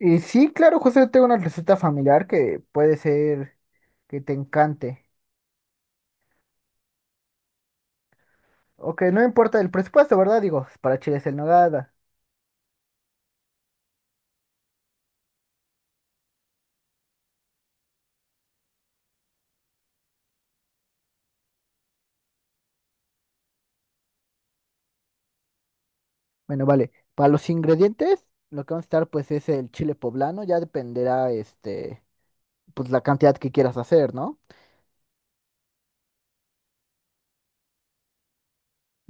Y sí, claro, José, tengo una receta familiar que puede ser que te encante. O que no importa el presupuesto, ¿verdad? Digo, para chiles en nogada. Bueno, vale. Para los ingredientes, lo que vamos a estar pues es el chile poblano. Ya dependerá, pues la cantidad que quieras hacer, ¿no?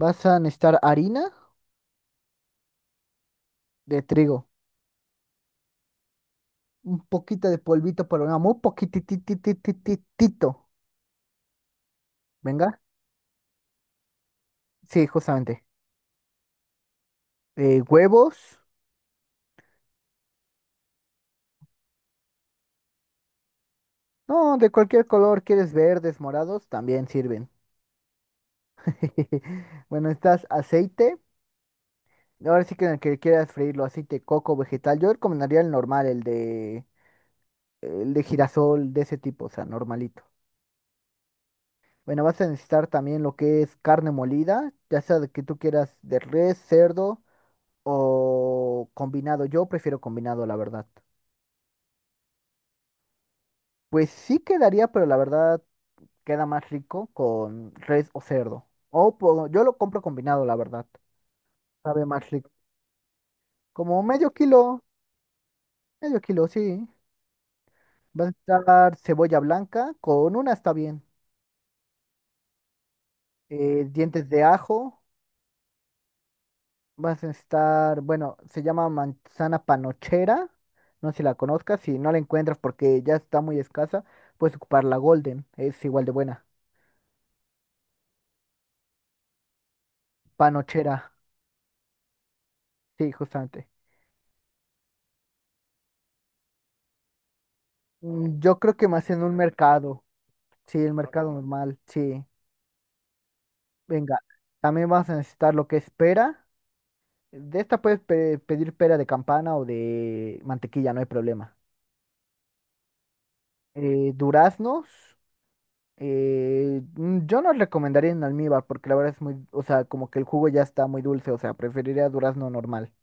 Vas a necesitar harina de trigo, un poquito de polvito para una muy poquitititititito. Venga. Sí, justamente. Huevos. No, de cualquier color, quieres verdes, morados, también sirven. Bueno, estás aceite. Ahora sí que en el que quieras freírlo, aceite, coco, vegetal. Yo recomendaría el normal, el de girasol, de ese tipo, o sea, normalito. Bueno, vas a necesitar también lo que es carne molida, ya sea de que tú quieras de res, cerdo o combinado. Yo prefiero combinado, la verdad. Pues sí quedaría, pero la verdad queda más rico con res o cerdo. Yo lo compro combinado, la verdad. Sabe más rico. Como medio kilo, sí. Va a estar cebolla blanca, con una está bien. Dientes de ajo, vas a estar, bueno, se llama manzana panochera, no sé si la conozcas, si no la encuentras porque ya está muy escasa, puedes ocupar la Golden, es igual de buena. Panochera, sí, justamente. Mm, yo creo que más en un mercado, sí, el mercado normal, sí. Venga, también vas a necesitar lo que es pera. De esta puedes pedir pera de campana o de mantequilla, no hay problema. Duraznos. Yo no recomendaría en almíbar porque la verdad es muy, o sea, como que el jugo ya está muy dulce, o sea, preferiría durazno normal.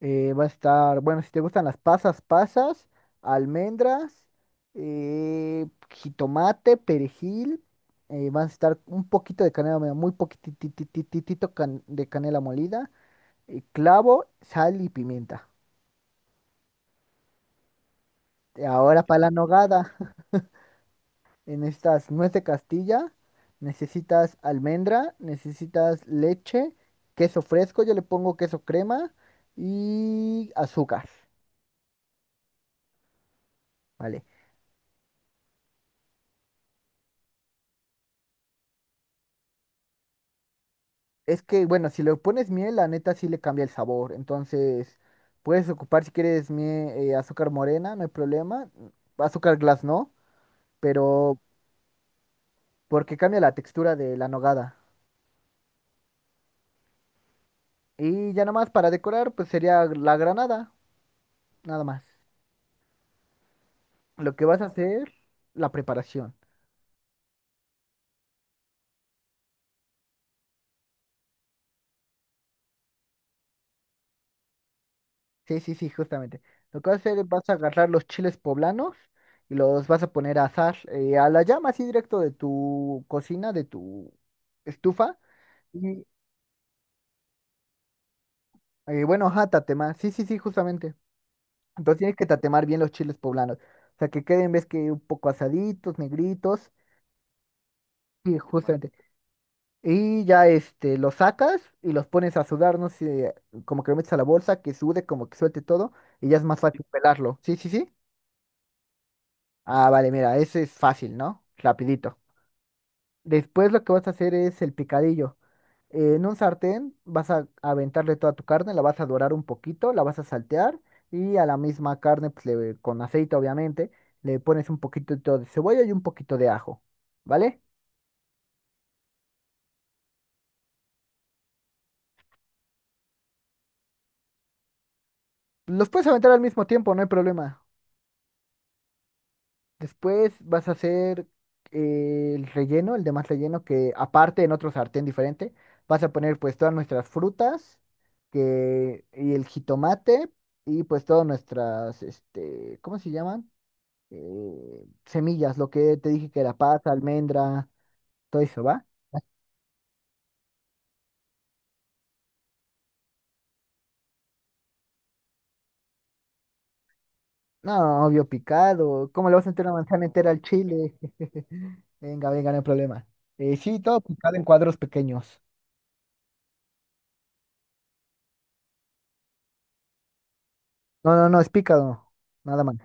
Va a estar, bueno, si te gustan las pasas, pasas, almendras, eh, jitomate, perejil, va a estar un poquito de canela, mira, muy poquititititito de canela molida, clavo, sal y pimienta. Ahora para la nogada. En estas nuez de Castilla, necesitas almendra, necesitas leche, queso fresco, yo le pongo queso crema y azúcar, ¿vale? Es que, bueno, si le pones miel, la neta sí le cambia el sabor. Entonces, puedes ocupar si quieres azúcar morena, no hay problema. Azúcar glass no, pero porque cambia la textura de la nogada. Y ya nomás para decorar, pues sería la granada, nada más. Lo que vas a hacer, la preparación. Sí, sí, sí, justamente. Lo que vas a hacer es vas a agarrar los chiles poblanos y los vas a poner a asar a la llama así directo de tu cocina, de tu estufa. Y bueno, ajá, tatemar. Sí, sí, sí, justamente. Entonces tienes que tatemar bien los chiles poblanos. O sea, que queden, ves que un poco asaditos, negritos. Sí, justamente. Y ya este, los sacas y los pones a sudar, no sé, como que lo metes a la bolsa, que sude, como que suelte todo, y ya es más fácil pelarlo. Sí, sí, sí. Ah, vale, mira, ese es fácil, ¿no? Rapidito. Después lo que vas a hacer es el picadillo. En un sartén vas a aventarle toda tu carne, la vas a dorar un poquito, la vas a saltear y a la misma carne, pues, con aceite obviamente, le pones un poquito de cebolla y un poquito de ajo, ¿vale? Los puedes aventar al mismo tiempo, no hay problema. Después vas a hacer el relleno, el demás relleno que aparte en otro sartén diferente, vas a poner pues todas nuestras frutas que, y el jitomate y pues todas nuestras, este, ¿cómo se llaman? Semillas, lo que te dije que era pasa, almendra, todo eso, ¿va? No, obvio picado. ¿Cómo le vas a meter una manzana entera al chile? Venga, venga, no hay problema. Sí, todo picado en cuadros pequeños. No, no, no, es picado, nada más.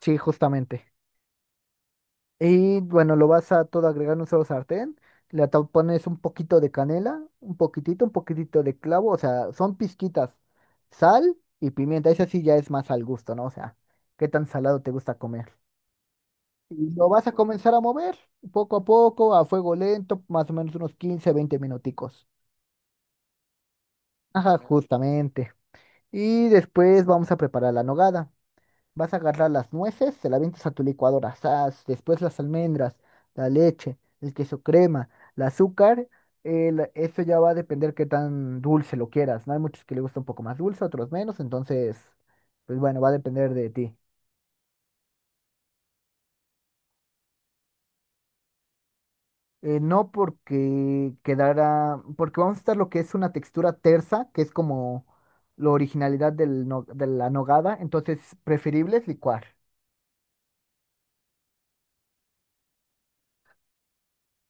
Sí, justamente. Y bueno, lo vas a todo agregar en un solo sartén. Pones un poquito de canela, un poquitito de clavo. O sea, son pizquitas. Sal y pimienta. Eso sí ya es más al gusto, ¿no? O sea, qué tan salado te gusta comer. Y lo vas a comenzar a mover poco a poco, a fuego lento, más o menos unos 15-20 minuticos. Ajá, justamente. Y después vamos a preparar la nogada. Vas a agarrar las nueces, se las avientas a tu licuadora, ¡zas! Después las almendras, la leche, el queso crema, el azúcar. Eso ya va a depender qué tan dulce lo quieras, ¿no? Hay muchos que les gusta un poco más dulce, otros menos, entonces, pues bueno, va a depender de ti. No porque quedara, porque vamos a estar lo que es una textura tersa, que es como la originalidad del no- de la nogada, entonces preferible es licuar.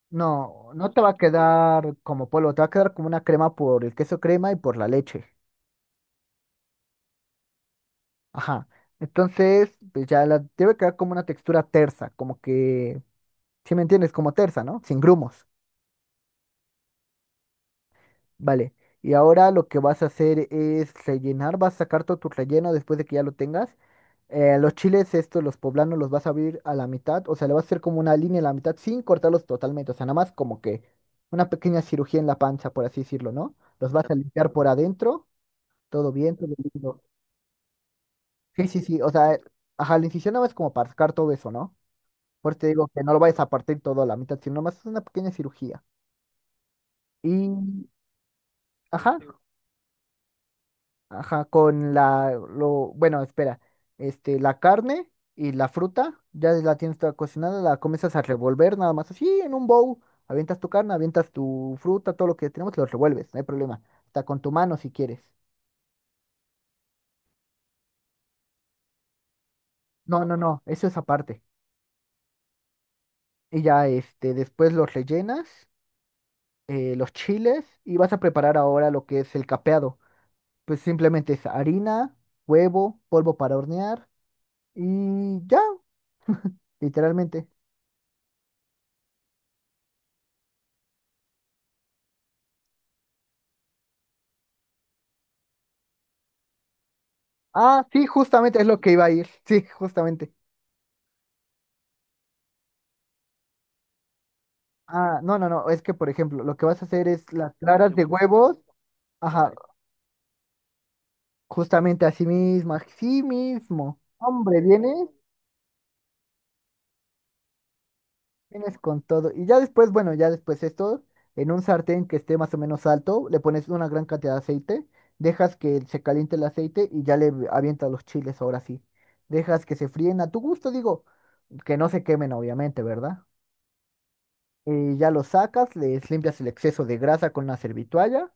No, no te va a quedar como polvo, te va a quedar como una crema por el queso crema y por la leche. Ajá. Entonces, pues ya la debe quedar como una textura tersa, como que, si me entiendes, como tersa, ¿no? Sin grumos. Vale. Y ahora lo que vas a hacer es rellenar, vas a sacar todo tu relleno después de que ya lo tengas. Los chiles estos, los poblanos, los vas a abrir a la mitad, o sea, le vas a hacer como una línea a la mitad sin cortarlos totalmente, o sea, nada más como que una pequeña cirugía en la panza, por así decirlo, ¿no? Los vas a limpiar por adentro. Todo bien, todo lindo. Sí, sí, sí. O sea, ajá, la incisión no es como para sacar todo eso, ¿no? Por eso te digo que no lo vayas a partir todo a la mitad, sino más es una pequeña cirugía. Y, ajá, ajá, con la, lo, bueno, espera, la carne y la fruta, ya la tienes toda cocinada, la comienzas a revolver nada más así en un bowl. Avientas tu carne, avientas tu fruta, todo lo que tenemos, lo revuelves, no hay problema. Hasta con tu mano si quieres. No, no, no, eso es aparte. Y ya, este, después los rellenas los chiles y vas a preparar ahora lo que es el capeado. Pues simplemente es harina, huevo, polvo para hornear y ya, literalmente. Ah, sí, justamente es lo que iba a ir. Sí, justamente. Ah, no, no, no, es que por ejemplo, lo que vas a hacer es las claras de huevos, ajá, justamente así mismo, así mismo. Hombre, ¿vienes? Vienes con todo. Y ya después, bueno, ya después esto, en un sartén que esté más o menos alto, le pones una gran cantidad de aceite, dejas que se caliente el aceite y ya le avientas los chiles ahora sí. Dejas que se fríen a tu gusto, digo, que no se quemen obviamente, ¿verdad? Y ya los sacas, les limpias el exceso de grasa con una servitualla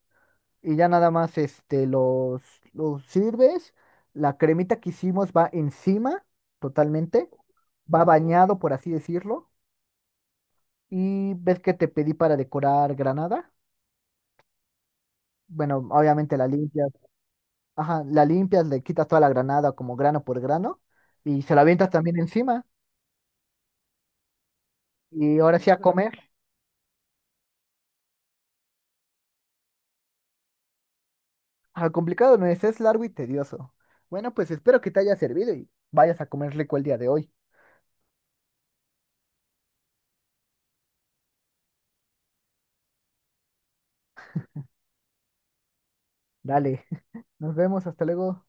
y ya nada más los sirves. La cremita que hicimos va encima totalmente, va bañado, por así decirlo. Y ves que te pedí para decorar granada. Bueno, obviamente la limpias. Ajá, la limpias, le quitas toda la granada como grano por grano y se la avientas también encima. Y ahora sí a comer. Ah, complicado no es, es largo y tedioso. Bueno, pues espero que te haya servido y vayas a comer rico el día de hoy. Dale, nos vemos, hasta luego.